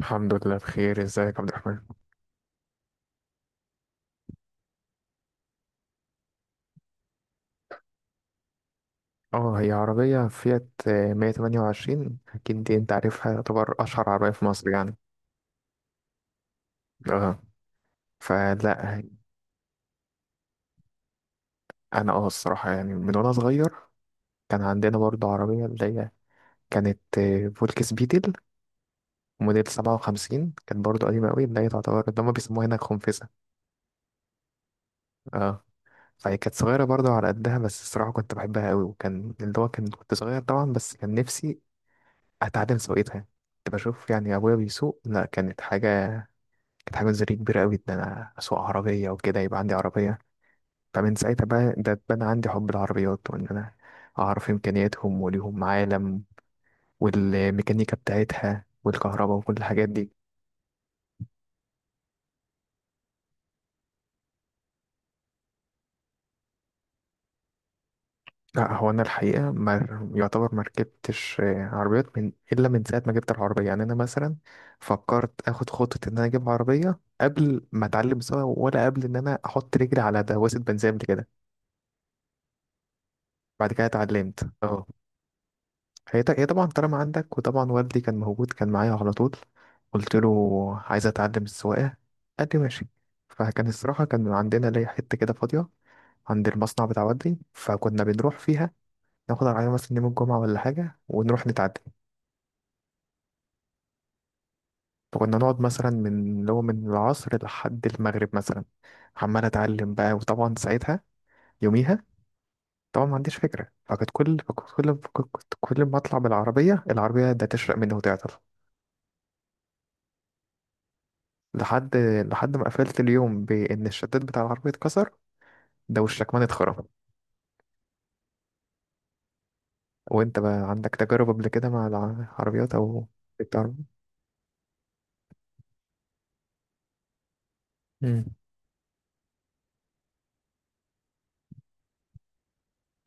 الحمد لله بخير. ازيك يا عبد الرحمن؟ اه، هي عربية فيات، 128. اكيد دي انت عارفها، تعتبر اشهر عربية في مصر يعني. اه. فلا، انا الصراحة يعني من وانا صغير كان عندنا برضه عربية اللي هي كانت، فولكس بيتل موديل 57. كانت برضه قديمة قوي، اللي هي تعتبر اللي هما بيسموها هنا خنفسة. اه، فهي كانت صغيرة برضه على قدها، بس الصراحة كنت بحبها قوي. وكان اللي هو كان كنت صغير طبعا، بس كان نفسي اتعلم سواقتها. كنت بشوف يعني ابويا بيسوق. لا، كانت حاجة زري كبيرة قوي إن أنا أسوق عربية وكده يبقى عندي عربية. فمن ساعتها بقى، ده اتبنى عندي حب العربيات وإن أنا أعرف إمكانياتهم، وليهم عالم والميكانيكا بتاعتها والكهرباء وكل الحاجات دي. لا، هو أنا الحقيقة ما يعتبر ما ركبتش عربيات من، إلا من ساعة ما جبت العربية. يعني أنا مثلا فكرت آخد خطة إن أنا أجيب عربية قبل ما أتعلم سواقة، ولا قبل إن أنا أحط رجلي على دواسة بنزين قبل كده. بعد كده اتعلمت. اه. هي طبعا طالما عندك، وطبعا والدي كان موجود كان معايا على طول. قلت له عايز اتعلم السواقه، قال لي ماشي. فكان الصراحه كان عندنا ليا حته كده فاضيه عند المصنع بتاع والدي، فكنا بنروح فيها ناخد العربيه مثلا يوم الجمعه ولا حاجه ونروح نتعلم. فكنا نقعد مثلا من اللي هو من العصر لحد المغرب مثلا، عمال اتعلم بقى. وطبعا ساعتها يوميها طبعا ما عنديش فكره، فكنت كل ما اطلع بالعربيه، ده تشرق مني وتعطل. لحد لحد ما قفلت اليوم، بإن الشداد بتاع العربية اتكسر ده، والشكمان اتخرم. وانت بقى عندك تجارب قبل كده مع العربيات او بتاع العربيات؟ امم.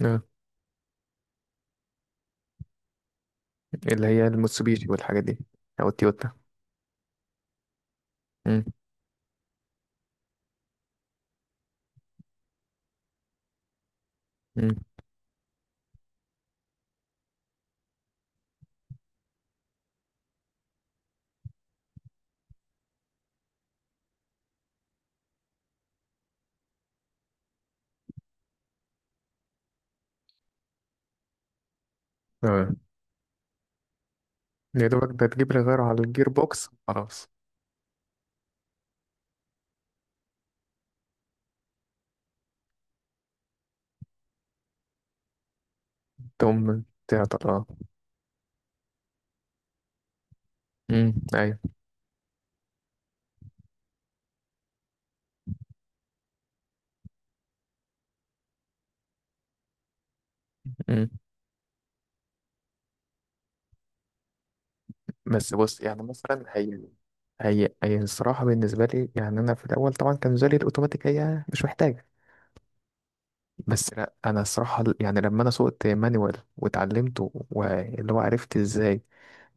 آه. اللي هي الموتسوبيشي والحاجات دي. او التويوتا. امم. امم. اه. يا دوبك ده تجيب لي غير على الجير بوكس خلاص. تقوم تعطل. اه. امم، ايوه. امم. بس بص يعني مثلا، هي الصراحة بالنسبة لي. يعني أنا في الأول طبعا كان بالنسبة لي الأوتوماتيك، هي مش محتاجة. بس لا، انا الصراحه يعني لما انا سوقت مانوال واتعلمته، واللي هو عرفت ازاي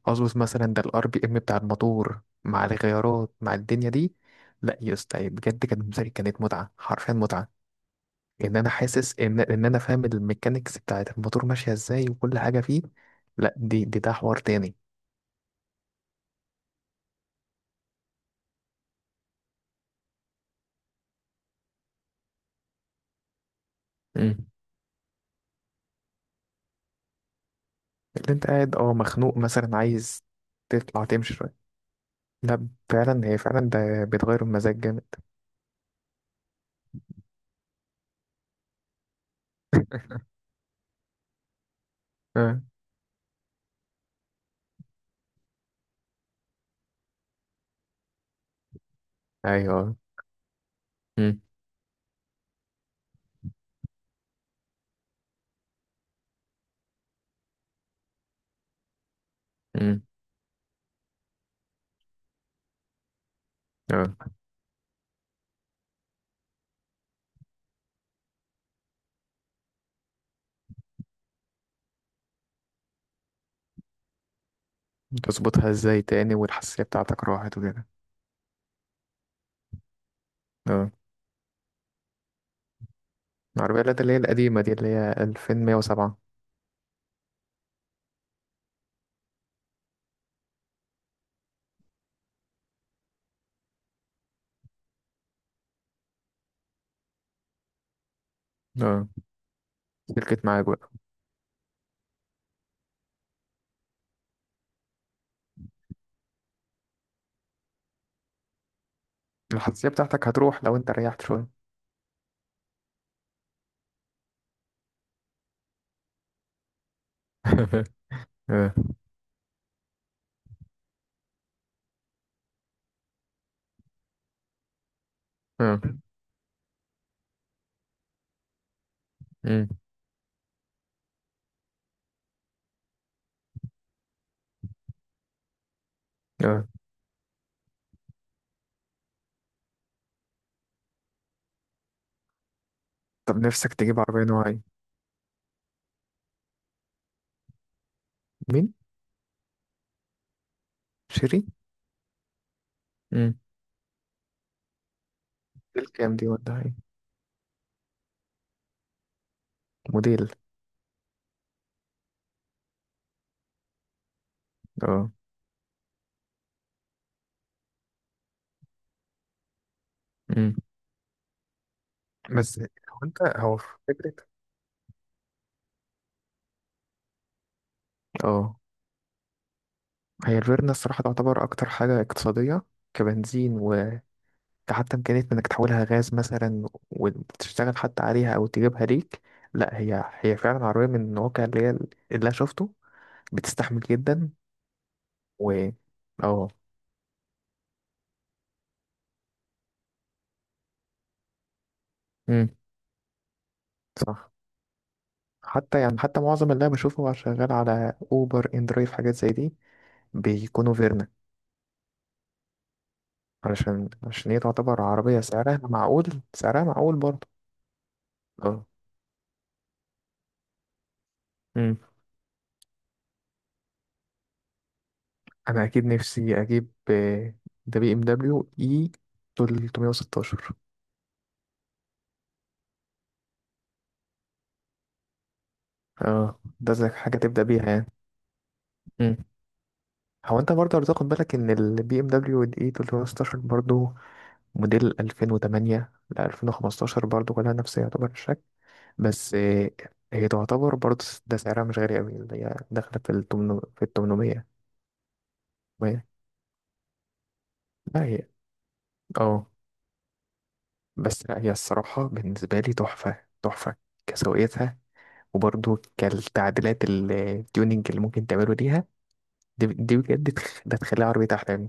اظبط مثلا ده الار بي ام بتاع الموتور مع الغيارات مع الدنيا دي. لا يا اسطى، بجد كانت مزاري، كانت متعه حرفيا، متعه. ان انا حاسس ان انا فاهم الميكانيكس بتاعت الموتور ماشيه ازاي وكل حاجه فيه. لا، دي ده حوار تاني. مم. اللي انت قاعد مخنوق مثلا، عايز تطلع تمشي شويه. لا فعلا، هي فعلا ده بتغير المزاج جامد. اه. ايوه. امم. تظبطها ازاي تاني والحساسية بتاعتك راحت وكده. اه. العربية، اللي هي القديمة دي، اللي هي 2107. اه، سلكت معاك بقى. الحساسية بتاعتك هتروح لو انت ريحت شوية. اه. اه. أمم. اه، طب نفسك تجيب عربية نوع ايه؟ مين؟ شيري؟ امم. موديل كام دي ولا ايه؟ موديل. اه. امم. بس هو انت هو فكرة. اه، هي الفيرنا الصراحة تعتبر أكتر حاجة اقتصادية كبنزين، حتى إمكانية إنك تحولها غاز مثلا وتشتغل حتى عليها أو تجيبها ليك. لا، هي فعلا عربية من الواقع اللي هي اللي أنا شفته، بتستحمل جدا. و. اه. امم. صح. حتى يعني حتى معظم اللي أنا بشوفه شغال على أوبر إندرايف حاجات زي دي، بيكونوا فيرنا. علشان عشان هي تعتبر عربية سعرها معقول. سعرها معقول برضه. اه. امم. أنا أكيد نفسي أجيب ده بي إم دبليو إي 316. اه، ده زي حاجة تبدأ بيها يعني. مم. هو انت برضه لو تاخد بالك، ان البي ام دبليو الاي 316 برضه موديل 2008 ل 2015، برضه كلها نفس يعتبر الشكل. بس هي تعتبر برضه، ده سعرها مش غالي قوي، اللي هي داخلة في ال 800. وهي- لا هي. اه بس لا هي الصراحة بالنسبة لي تحفة تحفة، كسوقيتها وبرضه كالتعديلات، التيوننج اللي ممكن تعمله ليها. دي بجد ده تخليها عربية أحلامي.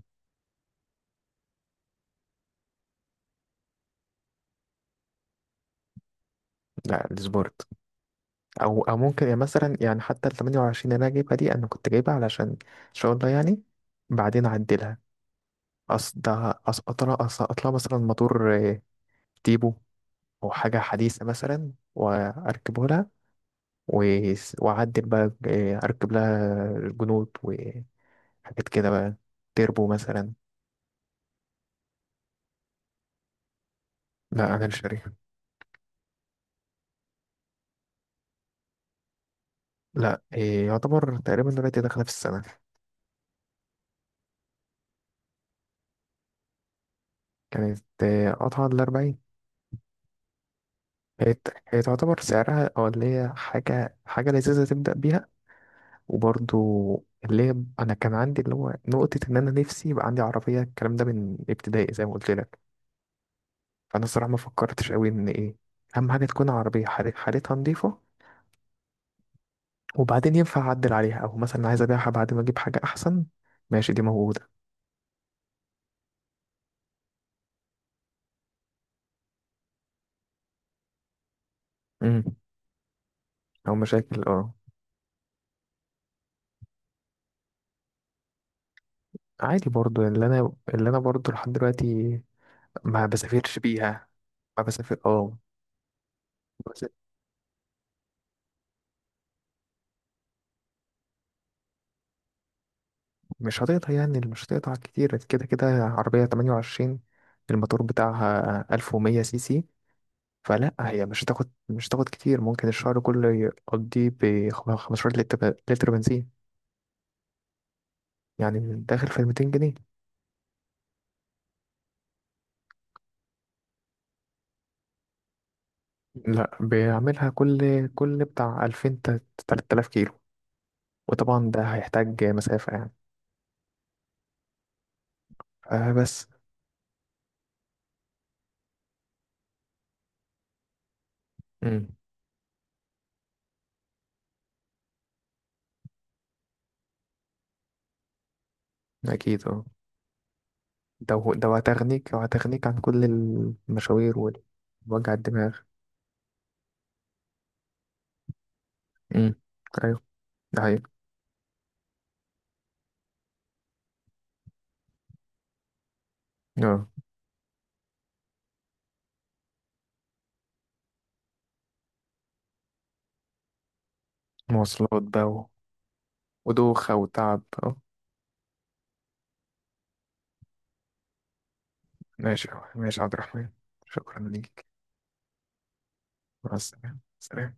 لا، السبورت. او ممكن يعني مثلا يعني حتى ال 28 اللي انا جايبها دي، انا كنت جايبها علشان ان شاء الله يعني بعدين اعدلها. اصل ده اسقط لها مثلا موتور، تيبو او حاجه حديثه مثلا واركبه لها. واعدل بقى، اركب لها الجنود وحاجات كده بقى، تيربو مثلا. لا، انا مش شاريها. لا، يعتبر تقريبا دلوقتي داخله في السنه. كانت قطعه ال 40. هي هي تعتبر سعرها، او اللي هي حاجه حاجه لذيذه تبدا بيها. وبرضو اللي هي انا كان عندي اللي هو نقطة ان انا نفسي يبقى عندي عربية، الكلام ده من ابتدائي زي ما قلت لك. فانا الصراحة ما فكرتش قوي ان ايه، اهم حاجة تكون عربية حالتها نظيفة، وبعدين ينفع اعدل عليها، او مثلا عايز ابيعها بعد ما اجيب حاجة احسن. ماشي، دي موجودة. امم. او مشاكل. اه. عادي برضو اللي انا برضو لحد دلوقتي ما بسافرش بيها. ما بسافر. اه. مش هتقطع يعني مش هتقطع كتير كده كده، عربية 28 الموتور بتاعها 1100 سي سي. فلا هي مش هتاخد كتير، ممكن الشهر كله يقضيه ب 15 لتر بنزين، يعني من داخل في 200 جنيه. لا، بيعملها كل بتاع 2000 3000 كيلو. وطبعا ده هيحتاج مسافة يعني. آه. بس. امم. أكيد اه. ده هتغنيك عن كل المشاوير ووجع الدماغ. امم. أيوه. ده حقيقي. اه. مواصلات بقى، ودوخة وتعب أه. ماشي. ماشي يا عبد الرحمن. شكرا ليك. مع السلامة. سلام.